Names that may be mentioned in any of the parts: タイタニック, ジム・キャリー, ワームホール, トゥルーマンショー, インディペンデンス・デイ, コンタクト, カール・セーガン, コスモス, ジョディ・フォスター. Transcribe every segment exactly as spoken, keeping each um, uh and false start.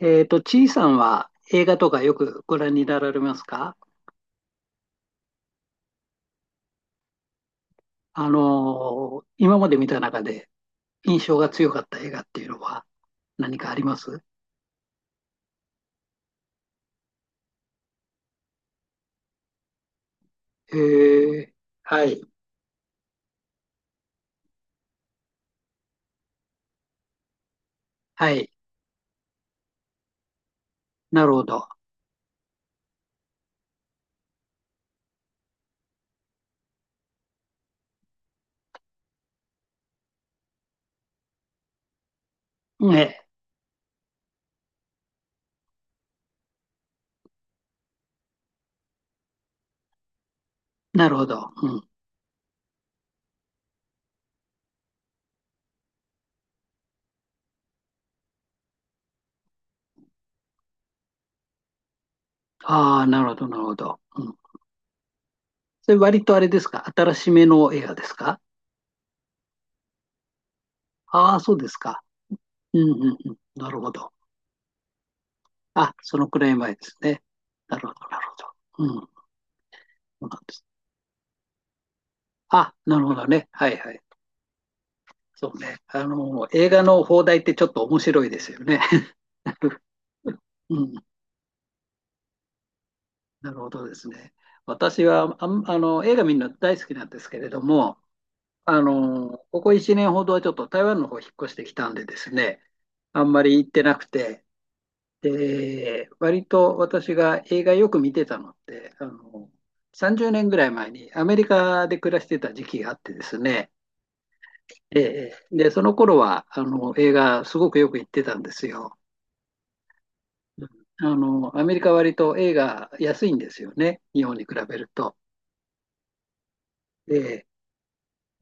えっと、ちいさんは映画とかよくご覧になられますか？あのー今まで見た中で印象が強かった映画っていうのは何かあります？へえ、はい。はい、なるほど。ね、なるほど。うん。ああ、なるほど、なるほど。うん。それ、割とあれですか、新しめの映画ですか？ああー、そうですか。うん、うん、うん。なるほど。あ、そのくらい前ですね。なるほど、なるほど。うん、そうなんです。あ、なるほどね。はい、はい。そうね。あの、映画の放題ってちょっと面白いですよね。うん、なるほどですね。私はあん、あの、映画見るの大好きなんですけれども、あの、ここいちねんほどはちょっと台湾の方引っ越してきたんでですね、あんまり行ってなくて、で、割と私が映画よく見てたのって、あの、さんじゅうねんぐらい前にアメリカで暮らしてた時期があってですね、ええ。で、その頃は、あの、映画すごくよく行ってたんですよ。あの、アメリカは割と A が安いんですよね。日本に比べると。え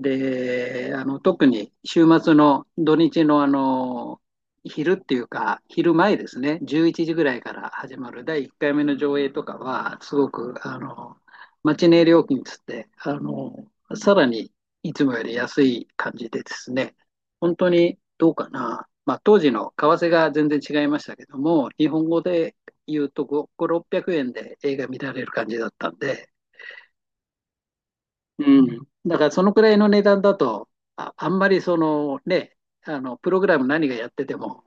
で、あの、特に週末の土日のあの、昼っていうか、昼前ですね、じゅういちじぐらいから始まるだいいっかいめの上映とかは、すごく、あの、マチネ料金つって、あの、さらにいつもより安い感じでですね、本当にどうかな、まあ、当時の為替が全然違いましたけども、日本語で言うとご、ろっぴゃくえんで映画見られる感じだったんで、うん。だからそのくらいの値段だと、あ、あんまりそのね、あの、プログラム何がやってても、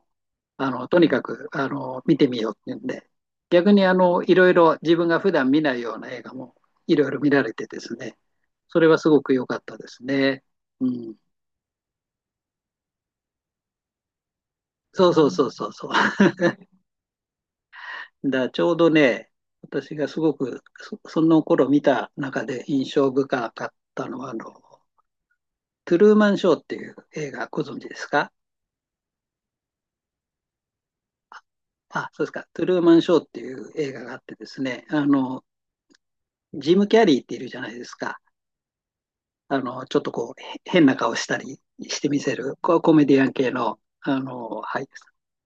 あの、とにかく、あの、見てみようっていうんで、逆にあの、いろいろ自分が普段見ないような映画もいろいろ見られてですね、それはすごく良かったですね。うん。そうそうそうそうそう。だからちょうどね、私がすごくそ、その頃見た中で印象深かったのは、あの、トゥルーマンショーっていう映画ご存知ですか？あ、そうですか。トゥルーマンショーっていう映画があってですね、あの、ジム・キャリーっているじゃないですか。あの、ちょっとこう、へ変な顔したりしてみせる、こうコメディアン系の、あの、俳優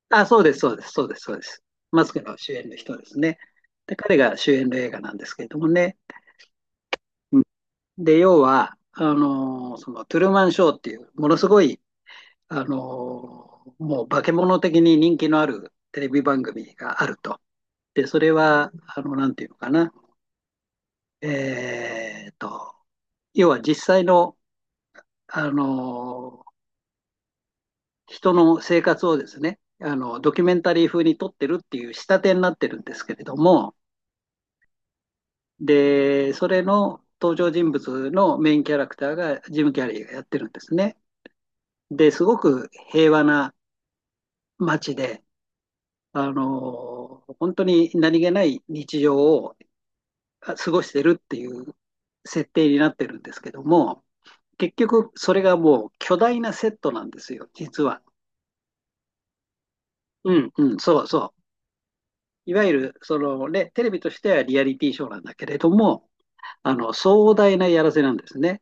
さん。あ、そうです、そうです、そうです、そうです。マスクの主演の人ですね。で、彼が主演の映画なんですけれどもね。うん。で、要は、あの、そのトゥルーマンショーっていう、ものすごい、あの、もう化け物的に人気のあるテレビ番組があると。で、それは、あの、なんていうのかな。えーと、要は実際の、あの、人の生活をですね、あの、ドキュメンタリー風に撮ってるっていう仕立てになってるんですけれども、で、それの登場人物のメインキャラクターがジム・キャリーがやってるんですね。で、すごく平和な街で、あの、本当に何気ない日常を過ごしてるっていう設定になってるんですけども、結局、それがもう巨大なセットなんですよ、実は。うん、うん、そうそう。いわゆる、そのね、テレビとしてはリアリティショーなんだけれども、あの、壮大なやらせなんですね。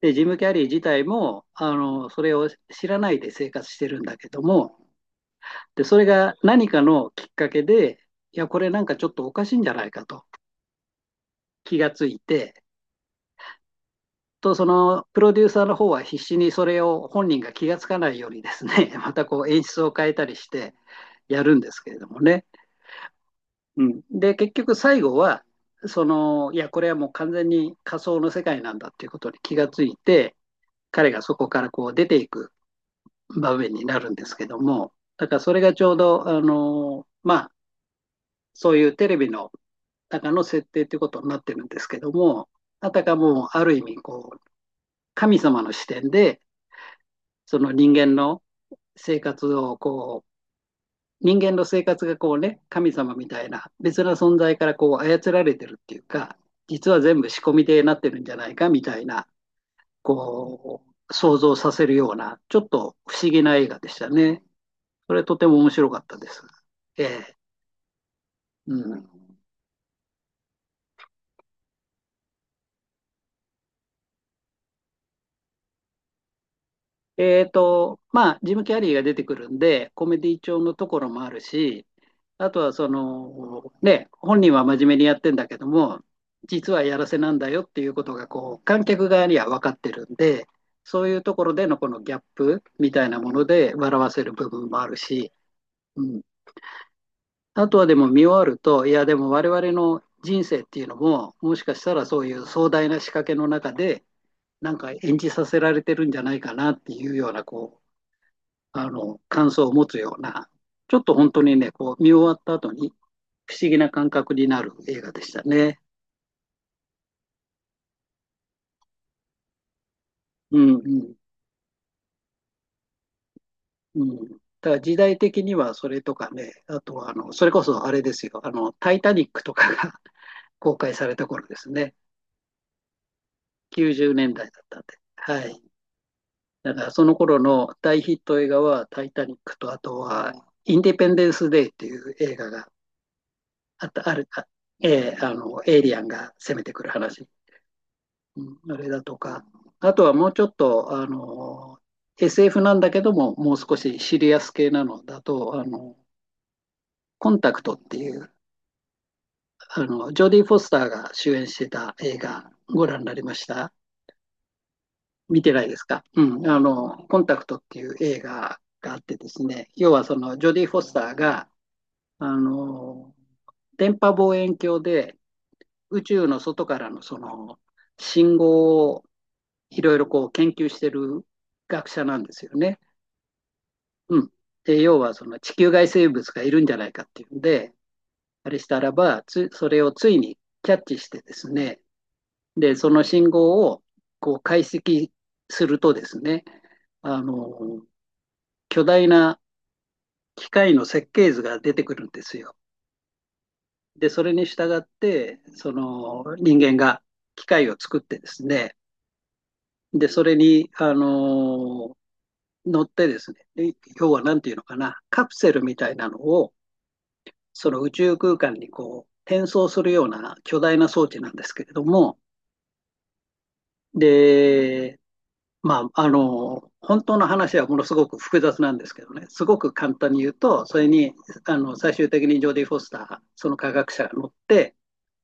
で、ジム・キャリー自体も、あの、それを知らないで生活してるんだけども、で、それが何かのきっかけで、いや、これなんかちょっとおかしいんじゃないかと気がついて、とそのプロデューサーの方は必死にそれを本人が気がつかないようにですね、またこう演出を変えたりしてやるんですけれどもね。うん、で、結局最後は、その、いや、これはもう完全に仮想の世界なんだっていうことに気がついて、彼がそこからこう出ていく場面になるんですけども、だからそれがちょうど、あの、まあ、そういうテレビの中の設定ということになってるんですけども、あたかもある意味こう、神様の視点で、その人間の生活をこう、人間の生活がこうね、神様みたいな別な存在からこう操られてるっていうか、実は全部仕込みでなってるんじゃないかみたいな、こう、想像させるような、ちょっと不思議な映画でしたね。それとても面白かったです。ええ、うん。えっと、まあ、ジム・キャリーが出てくるんで、コメディ調のところもあるし、あとはその、ね、本人は真面目にやってんだけども、実はやらせなんだよっていうことが、こう、観客側には分かってるんで、そういうところでのこのギャップみたいなもので笑わせる部分もあるし、うん。あとはでも見終わると、いや、でも我々の人生っていうのも、もしかしたらそういう壮大な仕掛けの中で、なんか演じさせられてるんじゃないかなっていうような、こう、あの、感想を持つような、ちょっと本当にね、こう、見終わった後に不思議な感覚になる映画でしたね。うんうんうん。だから時代的にはそれとかね、あとはあの、それこそあれですよ、あの、タイタニックとかが 公開された頃ですね。きゅうじゅうねんだいだいだったんで。はい。だからその頃の大ヒット映画はタイタニックと、あとはインディペンデンス・デイっていう映画があった、ある、あえーあの、エイリアンが攻めてくる話。うん、あれだとか、あとはもうちょっと、あの、エスエフ なんだけども、もう少しシリアス系なのだと、あの、コンタクトっていう、あの、ジョディ・フォスターが主演してた映画、ご覧になりました？見てないですか？うん、あの、コンタクトっていう映画があってですね、要はその、ジョディ・フォスターが、あの、電波望遠鏡で宇宙の外からのその、信号をいろいろこう研究してる学者なんですよね。うん。で、要はその地球外生物がいるんじゃないかっていうんで、あれしたらば、つ、それをついにキャッチしてですね、で、その信号をこう解析するとですね、あの、巨大な機械の設計図が出てくるんですよ。で、それに従って、その人間が機械を作ってですね、で、それに、あの、乗ってですね、で、要はなんていうのかな、カプセルみたいなのを、その宇宙空間にこう、転送するような巨大な装置なんですけれども、で、まあ、あの、本当の話はものすごく複雑なんですけどね、すごく簡単に言うと、それに、あの、最終的にジョーディ・フォスター、その科学者が乗って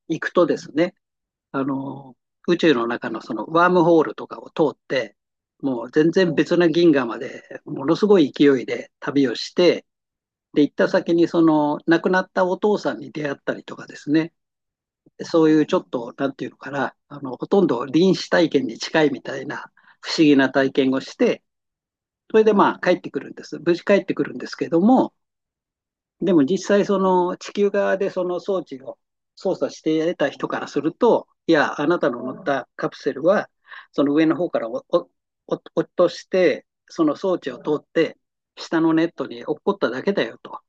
いくとですね、あの、宇宙の中のそのワームホールとかを通って、もう全然別な銀河まで、ものすごい勢いで旅をして、で、行った先にその亡くなったお父さんに出会ったりとかですね、そういうちょっと、なんていうのかな、あの、ほとんど臨死体験に近いみたいな不思議な体験をして、それでまあ帰ってくるんです。無事帰ってくるんですけども、でも実際その地球側でその装置を操作して得た人からすると、いや、あなたの乗ったカプセルは、その上の方からおおお落として、その装置を通って、下のネットに落っこっただけだよと。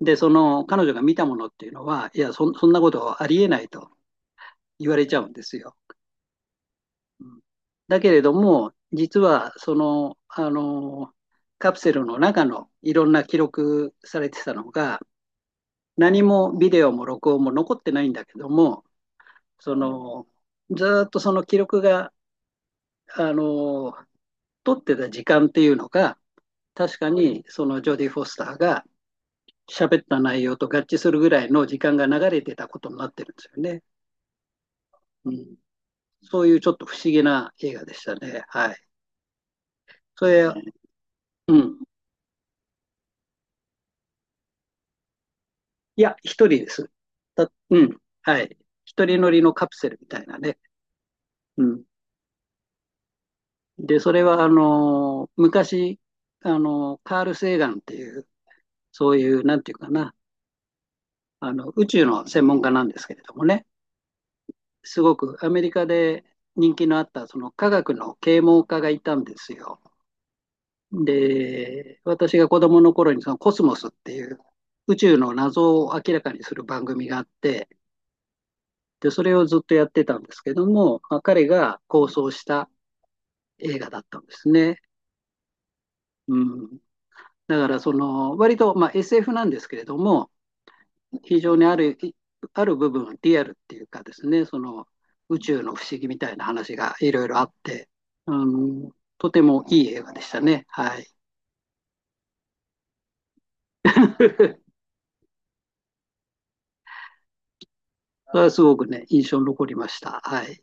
で、その彼女が見たものっていうのは、いや、そそんなことありえないと言われちゃうんですよ。だけれども、実はその、あの、カプセルの中のいろんな記録されてたのが、何もビデオも録音も残ってないんだけども、その、ずっとその記録が、あの、撮ってた時間っていうのが、確かにそのジョディ・フォスターが喋った内容と合致するぐらいの時間が流れてたことになってるんですよね。うん、そういうちょっと不思議な映画でしたね。はい。それ、うん。いや、一人です。た、うん。はい。一人乗りのカプセルみたいなね。うん。で、それは、あの、昔、あの、カール・セーガンっていう、そういう、なんていうかな、あの、宇宙の専門家なんですけれどもね、すごくアメリカで人気のあった、その科学の啓蒙家がいたんですよ。で、私が子供の頃に、そのコスモスっていう、宇宙の謎を明らかにする番組があって、で、それをずっとやってたんですけども、まあ、彼が構想した映画だったんですね。うん、だから、その、割と、まあ、エスエフ なんですけれども、非常にある、ある部分、リアルっていうかですね、その、宇宙の不思議みたいな話がいろいろあって、うん、とてもいい映画でしたね。はい。それはすごくね、印象に残りました。はい。